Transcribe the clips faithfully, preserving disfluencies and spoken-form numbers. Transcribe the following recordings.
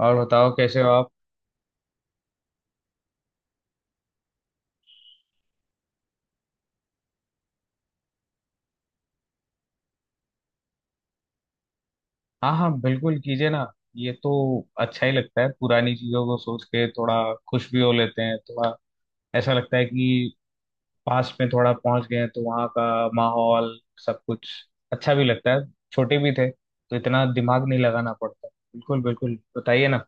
और बताओ कैसे हो आप। हाँ हाँ, बिल्कुल कीजिए ना। ये तो अच्छा ही लगता है, पुरानी चीजों को सोच के थोड़ा खुश भी हो लेते हैं थोड़ा। ऐसा लगता है कि पास्ट में थोड़ा पहुंच गए हैं, तो वहाँ का माहौल सब कुछ अच्छा भी लगता है। छोटे भी थे तो इतना दिमाग नहीं लगाना पड़ता। बिल्कुल बिल्कुल, बताइए ना।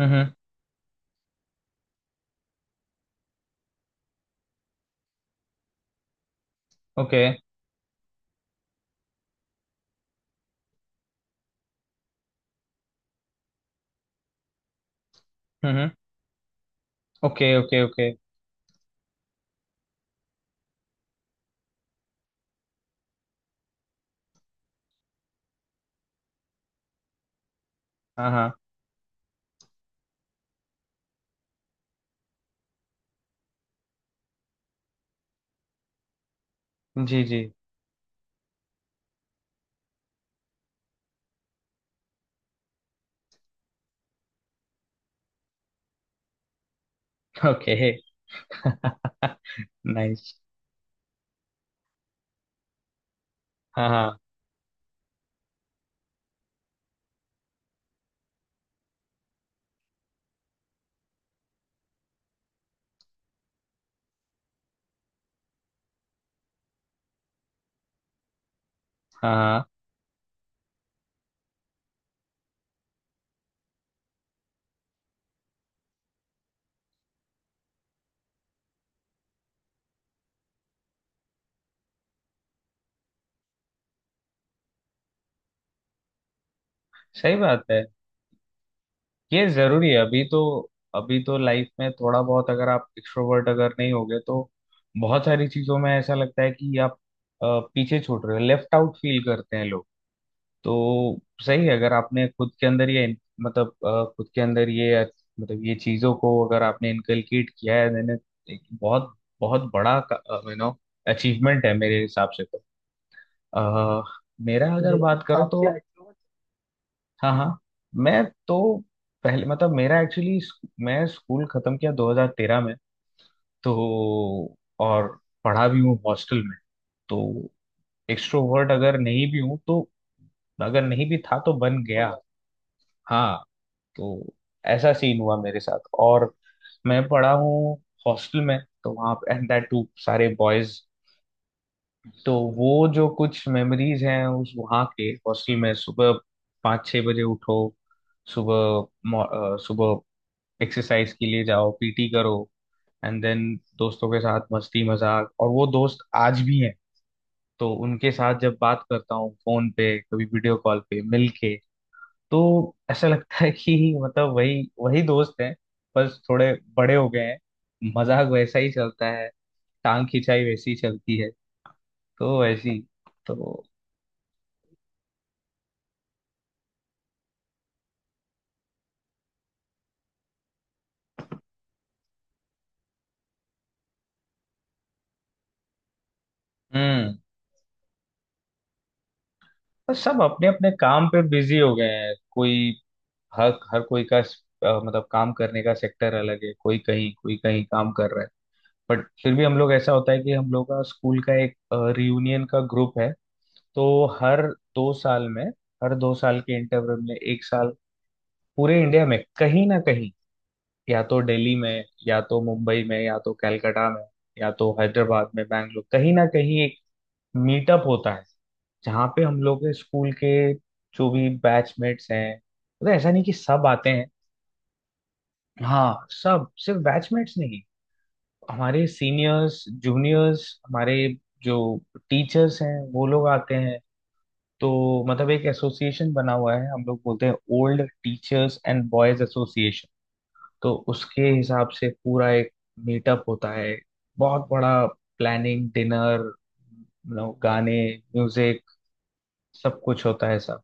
हम्म हम्म। ओके। हम्म हम्म। Okay okay okay. हाँ हाँ। जी जी। ओके। नाइस। हाँ हाँ हाँ हाँ। सही बात है। ये जरूरी है अभी तो। अभी तो लाइफ में थोड़ा बहुत, अगर आप एक्सट्रोवर्ट अगर नहीं होगे तो बहुत सारी चीजों में ऐसा लगता है कि आप अ, पीछे छूट रहे हो, लेफ्ट आउट फील करते हैं लोग। तो सही है, अगर आपने खुद के अंदर ये मतलब अ, खुद के अंदर ये मतलब ये चीजों को अगर आपने इनकलकेट किया है, मैंने एक बहुत बहुत बड़ा यू नो अचीवमेंट है मेरे हिसाब से। तो अ, मेरा अगर बात करो तो हाँ हाँ, मैं तो पहले मतलब मेरा एक्चुअली, मैं स्कूल खत्म किया दो हज़ार तेरह में। तो और पढ़ा भी हूँ हॉस्टल में। तो एक्सट्रोवर्ट अगर नहीं भी हूँ तो, अगर नहीं भी था तो बन गया। हाँ। तो ऐसा सीन हुआ मेरे साथ, और मैं पढ़ा हूँ हॉस्टल में। तो वहाँ एंड दैट टू सारे बॉयज। तो वो जो कुछ मेमोरीज हैं उस वहाँ के हॉस्टल में, सुबह पाँच छः बजे उठो, सुबह मॉ- अ, सुबह एक्सरसाइज के लिए जाओ, पीटी करो, एंड देन दोस्तों के साथ मस्ती मजाक, और वो दोस्त आज भी हैं। तो उनके साथ जब बात करता हूँ फोन पे, कभी वीडियो कॉल पे मिल के, तो ऐसा लगता है कि मतलब वही वही दोस्त हैं, बस थोड़े बड़े हो गए हैं। मजाक वैसा ही चलता है, टांग खिंचाई वैसी चलती है, तो वैसी तो। हम्म। बस सब अपने अपने काम पे बिजी हो गए हैं कोई। हर हर कोई का अ, मतलब काम करने का सेक्टर अलग है, कोई कहीं कोई कहीं काम कर रहा है। बट फिर भी हम लोग, ऐसा होता है कि हम लोग का स्कूल का एक रियूनियन का ग्रुप है। तो हर दो साल में हर दो साल के इंटरवल में, एक साल पूरे इंडिया में कहीं ना कहीं, या तो दिल्ली में, या तो मुंबई में, या तो कलकत्ता में, या तो हैदराबाद में, बैंगलोर, कहीं ना कहीं एक मीटअप होता है। जहाँ पे हम लोग के स्कूल के जो भी बैचमेट्स हैं, मतलब ऐसा नहीं कि सब आते हैं। हाँ, सब सिर्फ बैचमेट्स नहीं, हमारे सीनियर्स जूनियर्स, हमारे जो टीचर्स हैं वो लोग आते हैं। तो मतलब एक एसोसिएशन बना हुआ है, हम लोग बोलते हैं old teachers and boys association. तो उसके हिसाब से पूरा एक मीटअप होता है बहुत बड़ा, प्लानिंग, डिनर, गाने, म्यूजिक, सब कुछ होता है सब।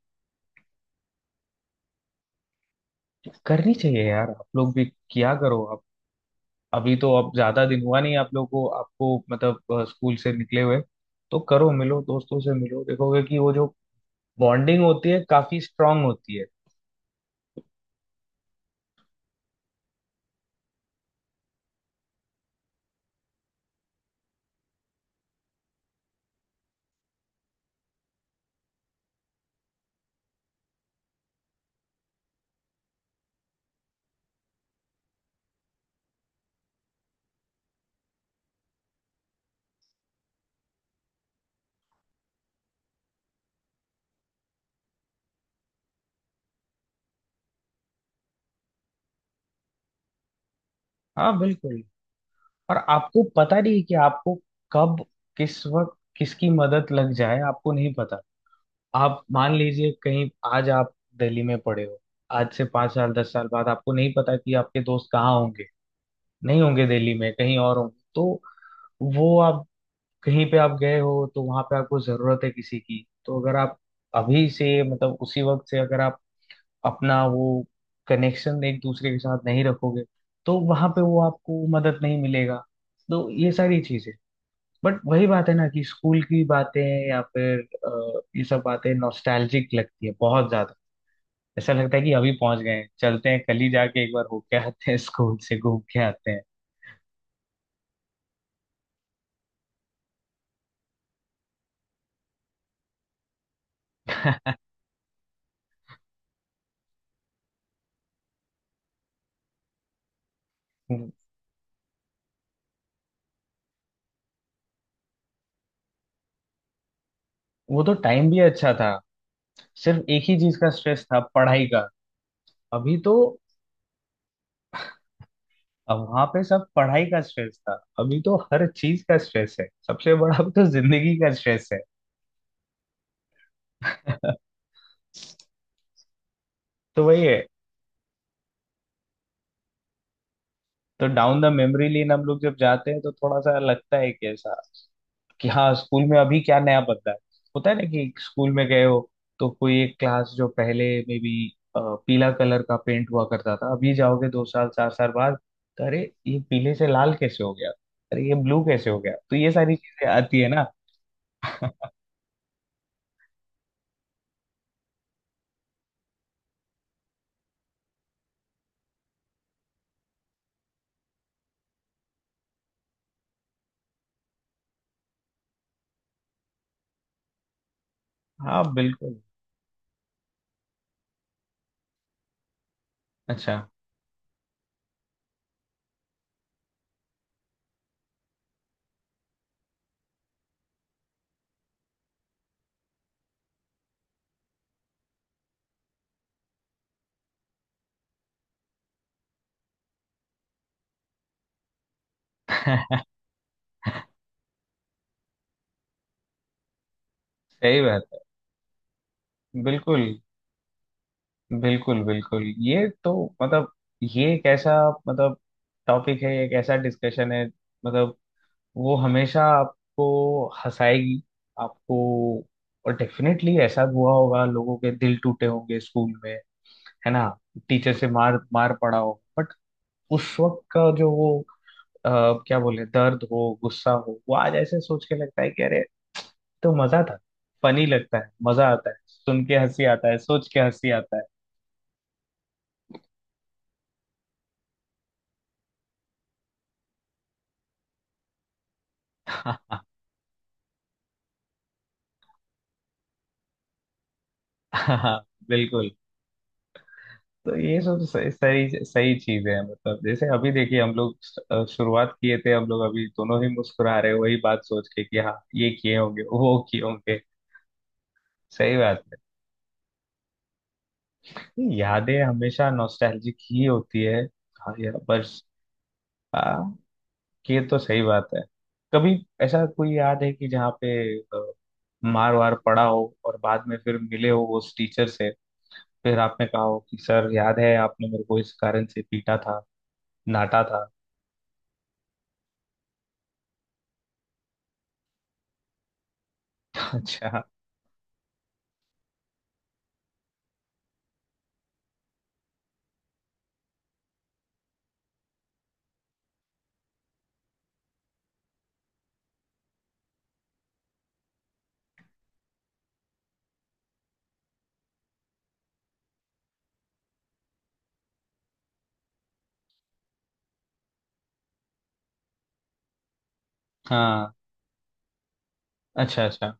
करनी चाहिए यार आप लोग भी, किया करो। अभी तो अब ज्यादा दिन हुआ नहीं आप लोगों को, आपको मतलब अ, स्कूल से निकले हुए। तो करो, मिलो दोस्तों से मिलो, देखोगे कि वो जो बॉन्डिंग होती है काफी स्ट्रांग होती है। हाँ बिल्कुल। और आपको पता नहीं कि आपको कब, किस वक्त, किसकी मदद लग जाए आपको नहीं पता। आप मान लीजिए कहीं, आज आप दिल्ली में पड़े हो, आज से पाँच साल दस साल बाद आपको नहीं पता कि आपके दोस्त कहाँ होंगे। नहीं होंगे दिल्ली में, कहीं और होंगे, तो वो आप कहीं पे आप गए हो तो वहां पे आपको जरूरत है किसी की, तो अगर आप अभी से, मतलब उसी वक्त से, अगर आप अपना वो कनेक्शन एक दूसरे के साथ नहीं रखोगे, तो वहां पे वो आपको मदद नहीं मिलेगा। तो ये सारी चीजें, बट वही बात है ना कि स्कूल की बातें या फिर अ, ये सब बातें नॉस्टैल्जिक लगती है बहुत ज्यादा। ऐसा लगता है कि अभी पहुंच गए हैं। चलते हैं कल ही जाके एक बार होके आते हैं, स्कूल से घूम के आते हैं। वो तो टाइम भी अच्छा था, सिर्फ एक ही चीज का स्ट्रेस था, पढ़ाई का। अभी तो वहां पे सब पढ़ाई का स्ट्रेस था। अभी तो हर चीज का स्ट्रेस है, सबसे बड़ा अब तो जिंदगी का स्ट्रेस है। तो वही है। तो डाउन द मेमोरी लेन हम लोग जब जाते हैं, तो थोड़ा सा लगता है कि ऐसा, कि हाँ स्कूल में अभी क्या नया बदला है। होता है ना कि स्कूल में गए हो, तो कोई एक क्लास जो पहले में भी पीला कलर का पेंट हुआ करता था, अभी जाओगे दो साल चार साल बाद, तो अरे ये पीले से लाल कैसे हो गया, अरे ये ब्लू कैसे हो गया, तो ये सारी चीजें आती है ना। हाँ बिल्कुल, अच्छा, सही बात है। बिल्कुल बिल्कुल, बिल्कुल ये तो मतलब, ये एक ऐसा मतलब टॉपिक है, एक ऐसा डिस्कशन है, मतलब वो हमेशा आपको हंसाएगी आपको। और डेफिनेटली ऐसा हुआ होगा, लोगों के दिल टूटे होंगे स्कूल में, है ना, टीचर से मार मार पड़ा हो, बट उस वक्त का जो वो अ, क्या बोले, दर्द हो, गुस्सा हो, वो आज ऐसे सोच के लगता है कि अरे तो मजा था। फनी लगता है, मजा आता है सुन के, हंसी आता है सोच के, हंसी आता है। हाँ बिल्कुल। तो ये सब सही सही सही चीज है, मतलब जैसे अभी देखिए हम लोग अ, शुरुआत किए थे, हम लोग अभी दोनों ही मुस्कुरा रहे हैं, वही बात सोच के कि हाँ ये किए होंगे वो किए होंगे। सही बात है। यादें हमेशा नॉस्टैल्जिक ही होती है। हाँ यार बस, ये तो सही बात है। कभी ऐसा कोई याद है कि जहाँ पे अ, मार वार पड़ा हो, और बाद में फिर मिले हो उस टीचर से, फिर आपने कहा हो कि सर याद है आपने मेरे को इस कारण से पीटा था, डांटा था। अच्छा। हाँ, अच्छा अच्छा।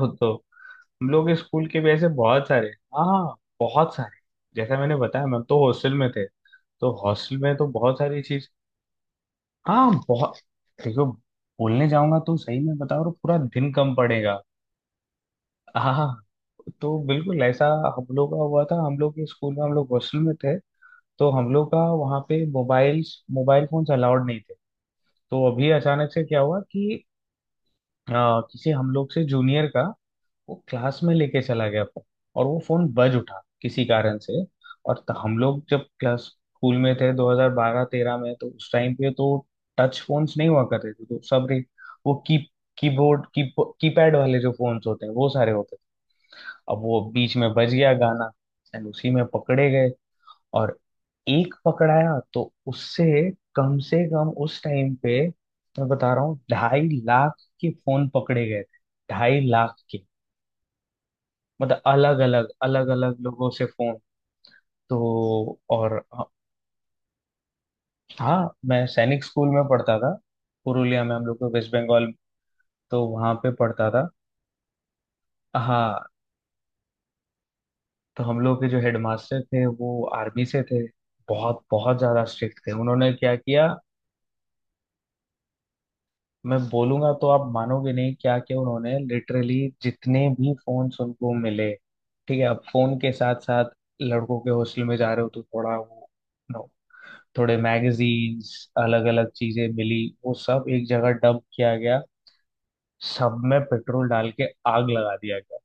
वो तो हम लोग स्कूल के भी ऐसे बहुत सारे। हाँ हाँ, बहुत सारे। जैसा मैंने बताया, मैम तो हॉस्टल में थे, तो हॉस्टल में तो बहुत सारी चीज। हाँ बहुत, देखो, बोलने जाऊंगा तो सही में बताओ पूरा दिन कम पड़ेगा। हाँ हाँ। तो बिल्कुल ऐसा हम लोग का हुआ था। हम लोग के स्कूल में, हम लोग हॉस्टल में थे, तो हम लोग का वहाँ पे मोबाइल्स मोबाइल फोन्स अलाउड नहीं थे। तो अभी अचानक से क्या हुआ कि आ, किसी हम लोग से जूनियर का, वो क्लास में लेके चला गया फोन, और वो फोन बज उठा किसी कारण से। और त- हम लोग जब क्लास स्कूल में थे दो हज़ार बारह-तेरह में, तो उस टाइम पे तो टच फोन्स नहीं हुआ करते थे, तो सब रे- वो की कीबोर्ड की कीपैड वाले जो फोन्स होते हैं वो सारे होते थे। अब वो बीच में बज गया गाना, एंड उसी में पकड़े गए। और एक पकड़ाया तो उससे, कम से कम उस टाइम पे मैं बता रहा हूँ, ढाई लाख के फोन पकड़े गए थे, ढाई लाख के। मतलब अलग अलग अलग अलग लोगों से फोन। तो और हाँ, मैं सैनिक स्कूल में पढ़ता था, पुरुलिया में, हम लोग को वेस्ट बंगाल। तो वहां पे पढ़ता था। हाँ। तो हम लोग के जो हेडमास्टर थे वो आर्मी से थे, बहुत बहुत ज्यादा स्ट्रिक्ट थे, उन्होंने क्या किया, मैं बोलूंगा तो आप मानोगे नहीं क्या क्या उन्होंने लिटरली। जितने भी फोन्स उनको मिले, ठीक है, अब फोन के साथ साथ लड़कों के हॉस्टल में जा रहे हो तो थोड़ा वो, नो, थोड़े मैगजीन्स, अलग अलग चीजें मिली, वो सब एक जगह डंप किया गया, सब में पेट्रोल डाल के आग लगा दिया गया।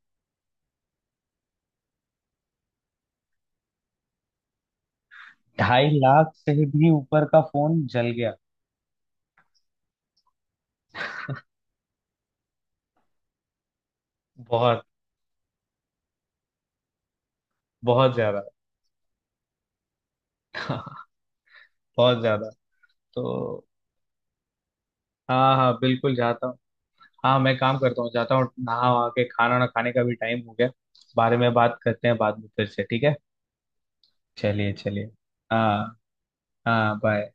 ढाई लाख से भी ऊपर का फोन जल गया। बहुत बहुत ज्यादा। बहुत ज्यादा। तो हाँ हाँ बिल्कुल, जाता हूँ। हाँ मैं काम करता हूँ, जाता हूँ, नहा वहा के खाना ना खाने का भी टाइम हो गया। बारे में बात करते हैं बाद में फिर से, ठीक है। चलिए चलिए। हाँ हाँ, बाय।